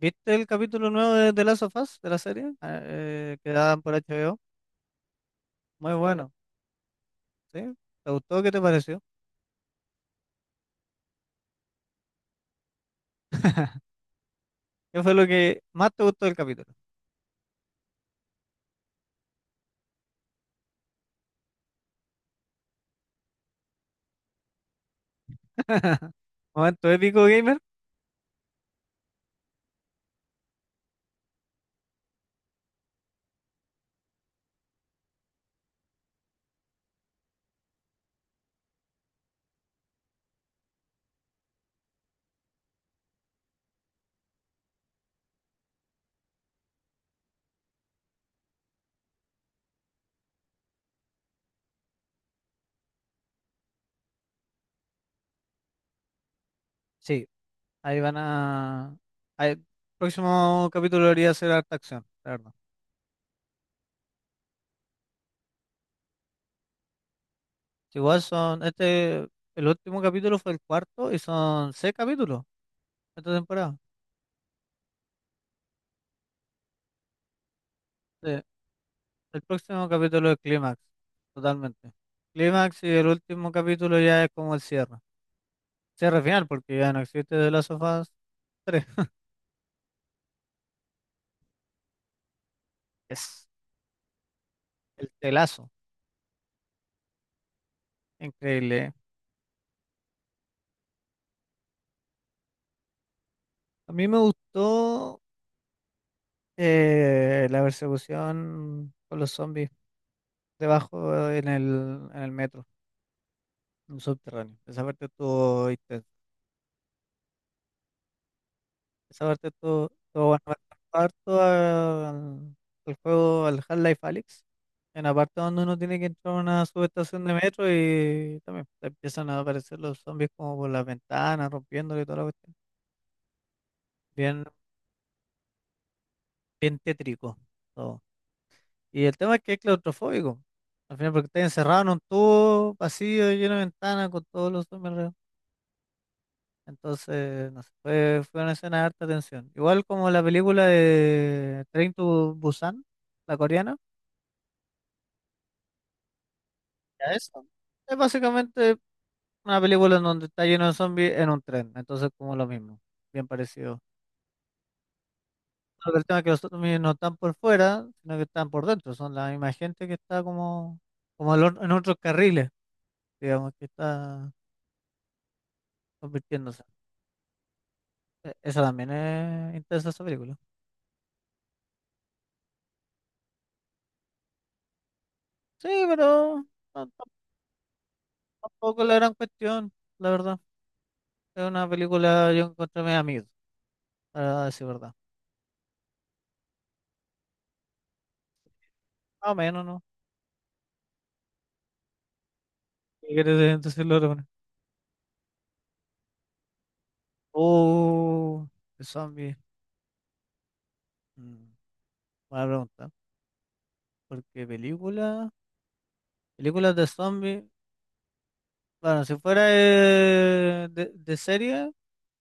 ¿Viste el capítulo nuevo de The Last of Us, de la serie? Que daban por HBO. Muy bueno, ¿sí? ¿Te gustó? ¿Qué te pareció? ¿Qué fue lo que más te gustó del capítulo? ¿Momento épico, gamer? Sí, ahí van a... ahí- El próximo capítulo debería ser harta acción, la verdad. Si Igual son... Este, El último capítulo fue el cuarto y son seis capítulos esta temporada. Sí, el próximo capítulo es clímax, totalmente. Clímax y el último capítulo ya es como el cierre. Cierre final, porque ya no existe de Last of Us 3. Es el telazo. Increíble. A mí me gustó la persecución con los zombies debajo en el metro, en el subterráneo. Esa parte estuvo intensa. Esa parte estuvo bueno. Me atrapó harto al juego, al Half-Life Alyx. En la parte donde uno tiene que entrar a una subestación de metro y también te empiezan a aparecer los zombies como por las ventanas, rompiéndole y toda la cuestión. Bien Bien tétrico todo. Y el tema es que es claustrofóbico, al final, porque estás encerrado en un tubo vacío, lleno de ventanas, con todos los zombies alrededor. Entonces, no sé, fue una escena de harta tensión. Igual como la película de Train to Busan, la coreana, ya eso. Es básicamente una película en donde está lleno de zombies en un tren. Entonces, como lo mismo, bien parecido. Solo que el tema es que los zombies no están por fuera, sino que están por dentro. Son la misma gente que está como en otros carriles, digamos que está convirtiéndose. Esa también es intensa, esa película. Sí, pero no- no- tampoco es la gran cuestión, la verdad. Es una película, yo encontré medio amigo, para decir verdad. Más o menos, ¿no? ¿Qué quieres decirlo de otra? Oh, de zombies. Mm, Buena pregunta. Porque película, Películas de zombies, bueno, si fuera de serie,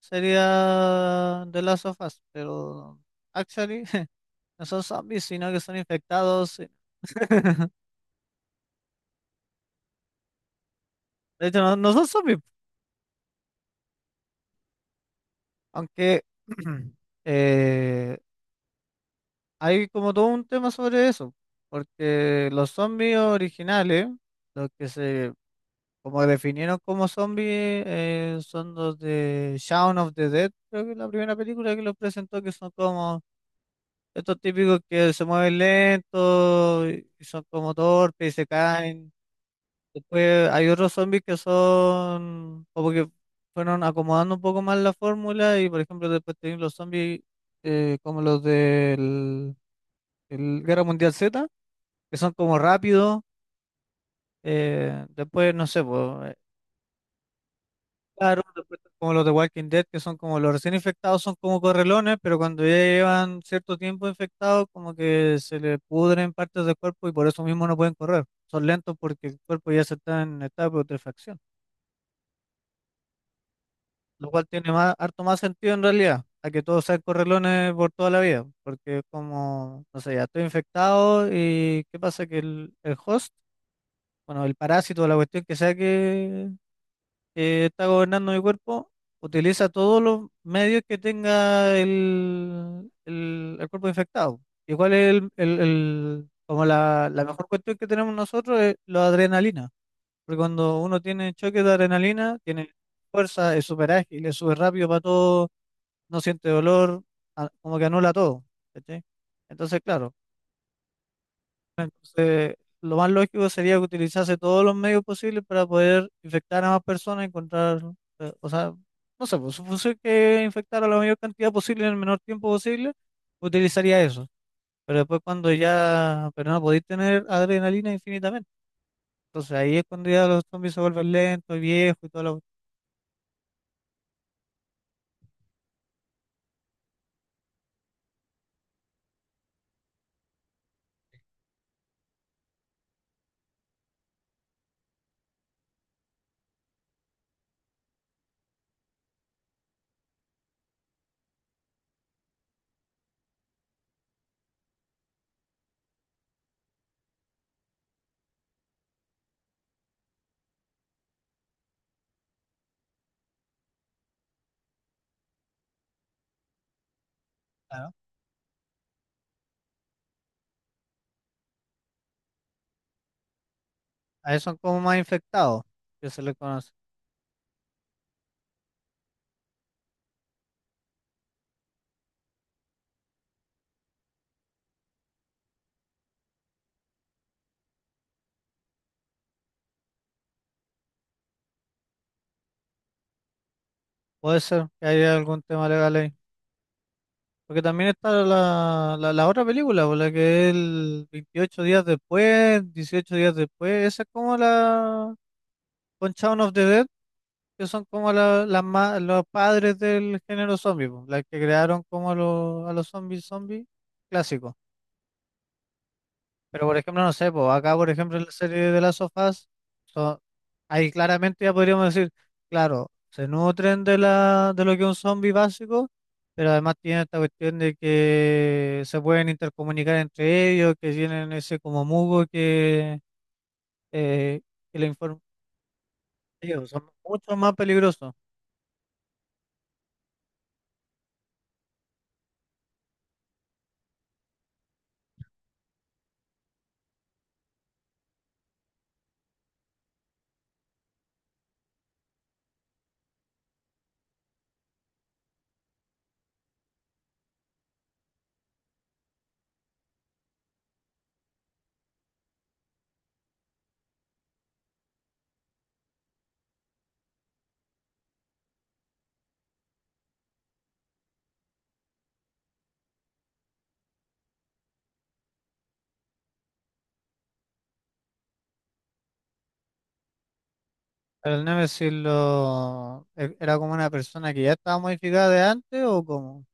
sería The Last of Us, pero actually no son zombies, sino que son infectados. Sí. De hecho, no son zombies, aunque eh, hay como todo un tema sobre eso, porque los zombies originales, los que se como definieron como zombies, son los de Shaun of the Dead, creo que es la primera película que los presentó, que son como estos típicos que se mueven lentos y son como torpes y se caen. Después hay otros zombies que son como que fueron acomodando un poco más la fórmula y por ejemplo después tienen los zombies eh, como los del, del Guerra Mundial Z, que son como rápidos, después no sé, pues, claro, después están como los de Walking Dead, que son como los recién infectados, son como correlones, pero cuando ya llevan cierto tiempo infectados, como que se les pudren partes del cuerpo y por eso mismo no pueden correr. Son lentos porque el cuerpo ya se está en etapa de putrefacción. Lo cual tiene más, harto más sentido en realidad, a que todos sean correlones por toda la vida, porque es como, no sé, ya estoy infectado y ¿qué pasa? Que el host, bueno, el parásito, la cuestión que sea que está gobernando mi cuerpo, utiliza todos los medios que tenga el cuerpo infectado. Igual la mejor cuestión que tenemos nosotros es la adrenalina, porque cuando uno tiene choque de adrenalina, tiene fuerza, es súper ágil, es súper rápido para todo, no siente dolor, como que anula todo, ¿cachai? Entonces, claro, entonces, lo más lógico sería que utilizase todos los medios posibles para poder infectar a más personas, y encontrar, o sea, no sé, pues su función que infectar a la mayor cantidad posible en el menor tiempo posible, utilizaría eso. Pero después cuando ya, pero no podéis tener adrenalina infinitamente. Entonces ahí es cuando ya los zombies se vuelven lentos y viejos y todo lo claro. A eso son como más infectados, que se les conoce. Puede ser que haya algún tema legal ahí. Porque también está la otra película, por la que es el 28 días después, 18 días después, esa es como la con Shaun of the Dead, que son como los padres del género zombie, po, las que crearon como a a los zombies zombies clásicos. Pero por ejemplo, no sé, pues acá por ejemplo en la serie de las sofás, son, ahí claramente ya podríamos decir, claro, se nutren de la, de lo que es un zombie básico, pero además tienen esta cuestión de que se pueden intercomunicar entre ellos, que tienen ese como mugo eh, que le informa a ellos, son mucho más peligrosos. El Nemesis lo, era como una persona que ya estaba modificada de antes o como,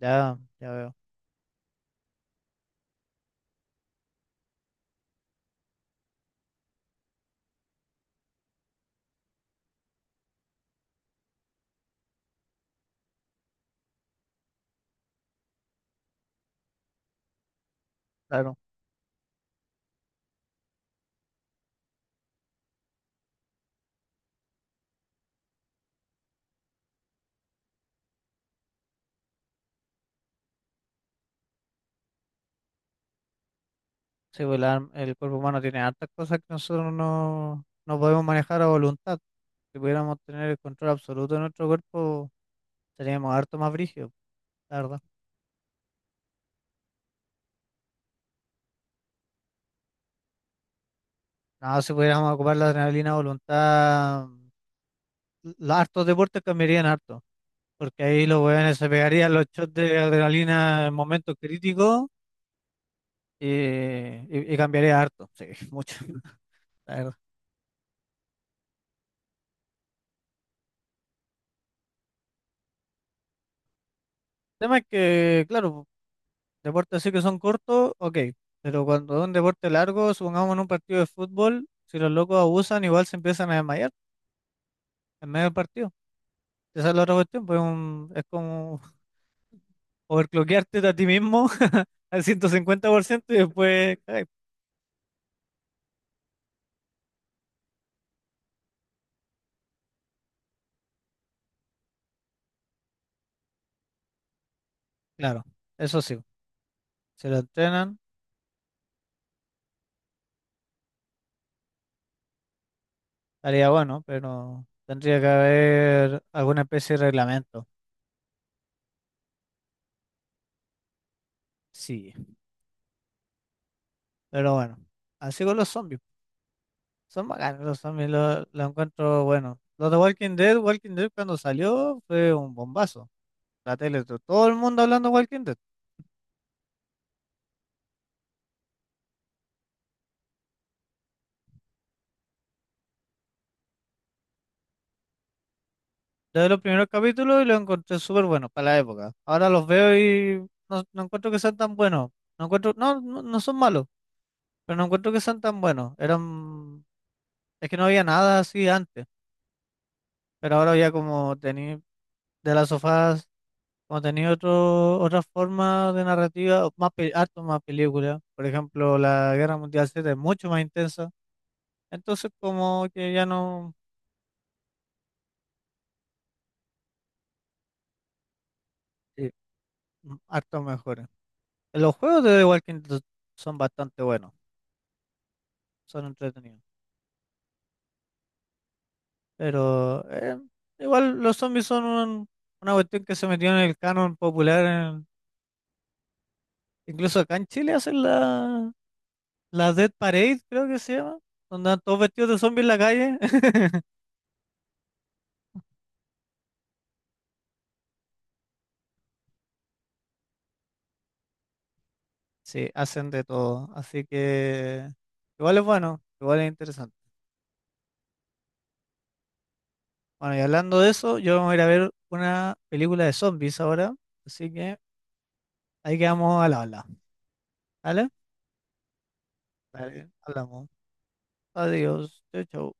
ya, ya veo. Claro. Sí, pues el cuerpo humano tiene hartas cosas que nosotros no podemos manejar a voluntad. Si pudiéramos tener el control absoluto de nuestro cuerpo, seríamos harto más brígidos, la verdad. No, si pudiéramos ocupar la adrenalina a voluntad, los hartos deportes cambiarían harto, porque ahí los weones se pegarían los shots de adrenalina en momentos críticos y cambiaría harto, sí, mucho, la verdad. El tema es que, claro, deportes así que son cortos, ok. Pero cuando es un deporte largo, supongamos en un partido de fútbol, si los locos abusan, igual se empiezan a desmayar en medio del partido. Esa es la otra cuestión, pues es como overclockearte a ti mismo al 150% y después, cagai. Claro, eso sí, si lo entrenan, estaría bueno, pero tendría que haber alguna especie de reglamento. Sí, pero bueno, así con los zombies. Son bacanos los zombies, lo encuentro bueno. Los de Walking Dead, Walking Dead cuando salió fue un bombazo. La tele, todo el mundo hablando de Walking Dead. Desde los primeros capítulos y los encontré súper buenos para la época. Ahora los veo y no, no encuentro que sean tan buenos. No encuentro, no son malos, pero no encuentro que sean tan buenos. Eran, es que no había nada así antes, pero ahora ya como tení de las sofás, como tenía otra forma de narrativa, o más, harto más películas. Por ejemplo, la Guerra Mundial Z es mucho más intensa. Entonces, como que ya no, sí, mm, harto mejores. Los juegos de The Walking Dead son bastante buenos, son entretenidos. Pero igual los zombies son una cuestión que se metió en el canon popular. Incluso acá en Chile hacen la Dead Parade, creo que se llama, donde andan todos vestidos de zombies en la calle. Sí, hacen de todo. Así que igual es bueno, igual es interesante. Bueno, y hablando de eso, yo voy a ir a ver una película de zombies ahora. Así que ahí quedamos al habla. ¿Vale? Vale, hablamos. Adiós. Chau, chau.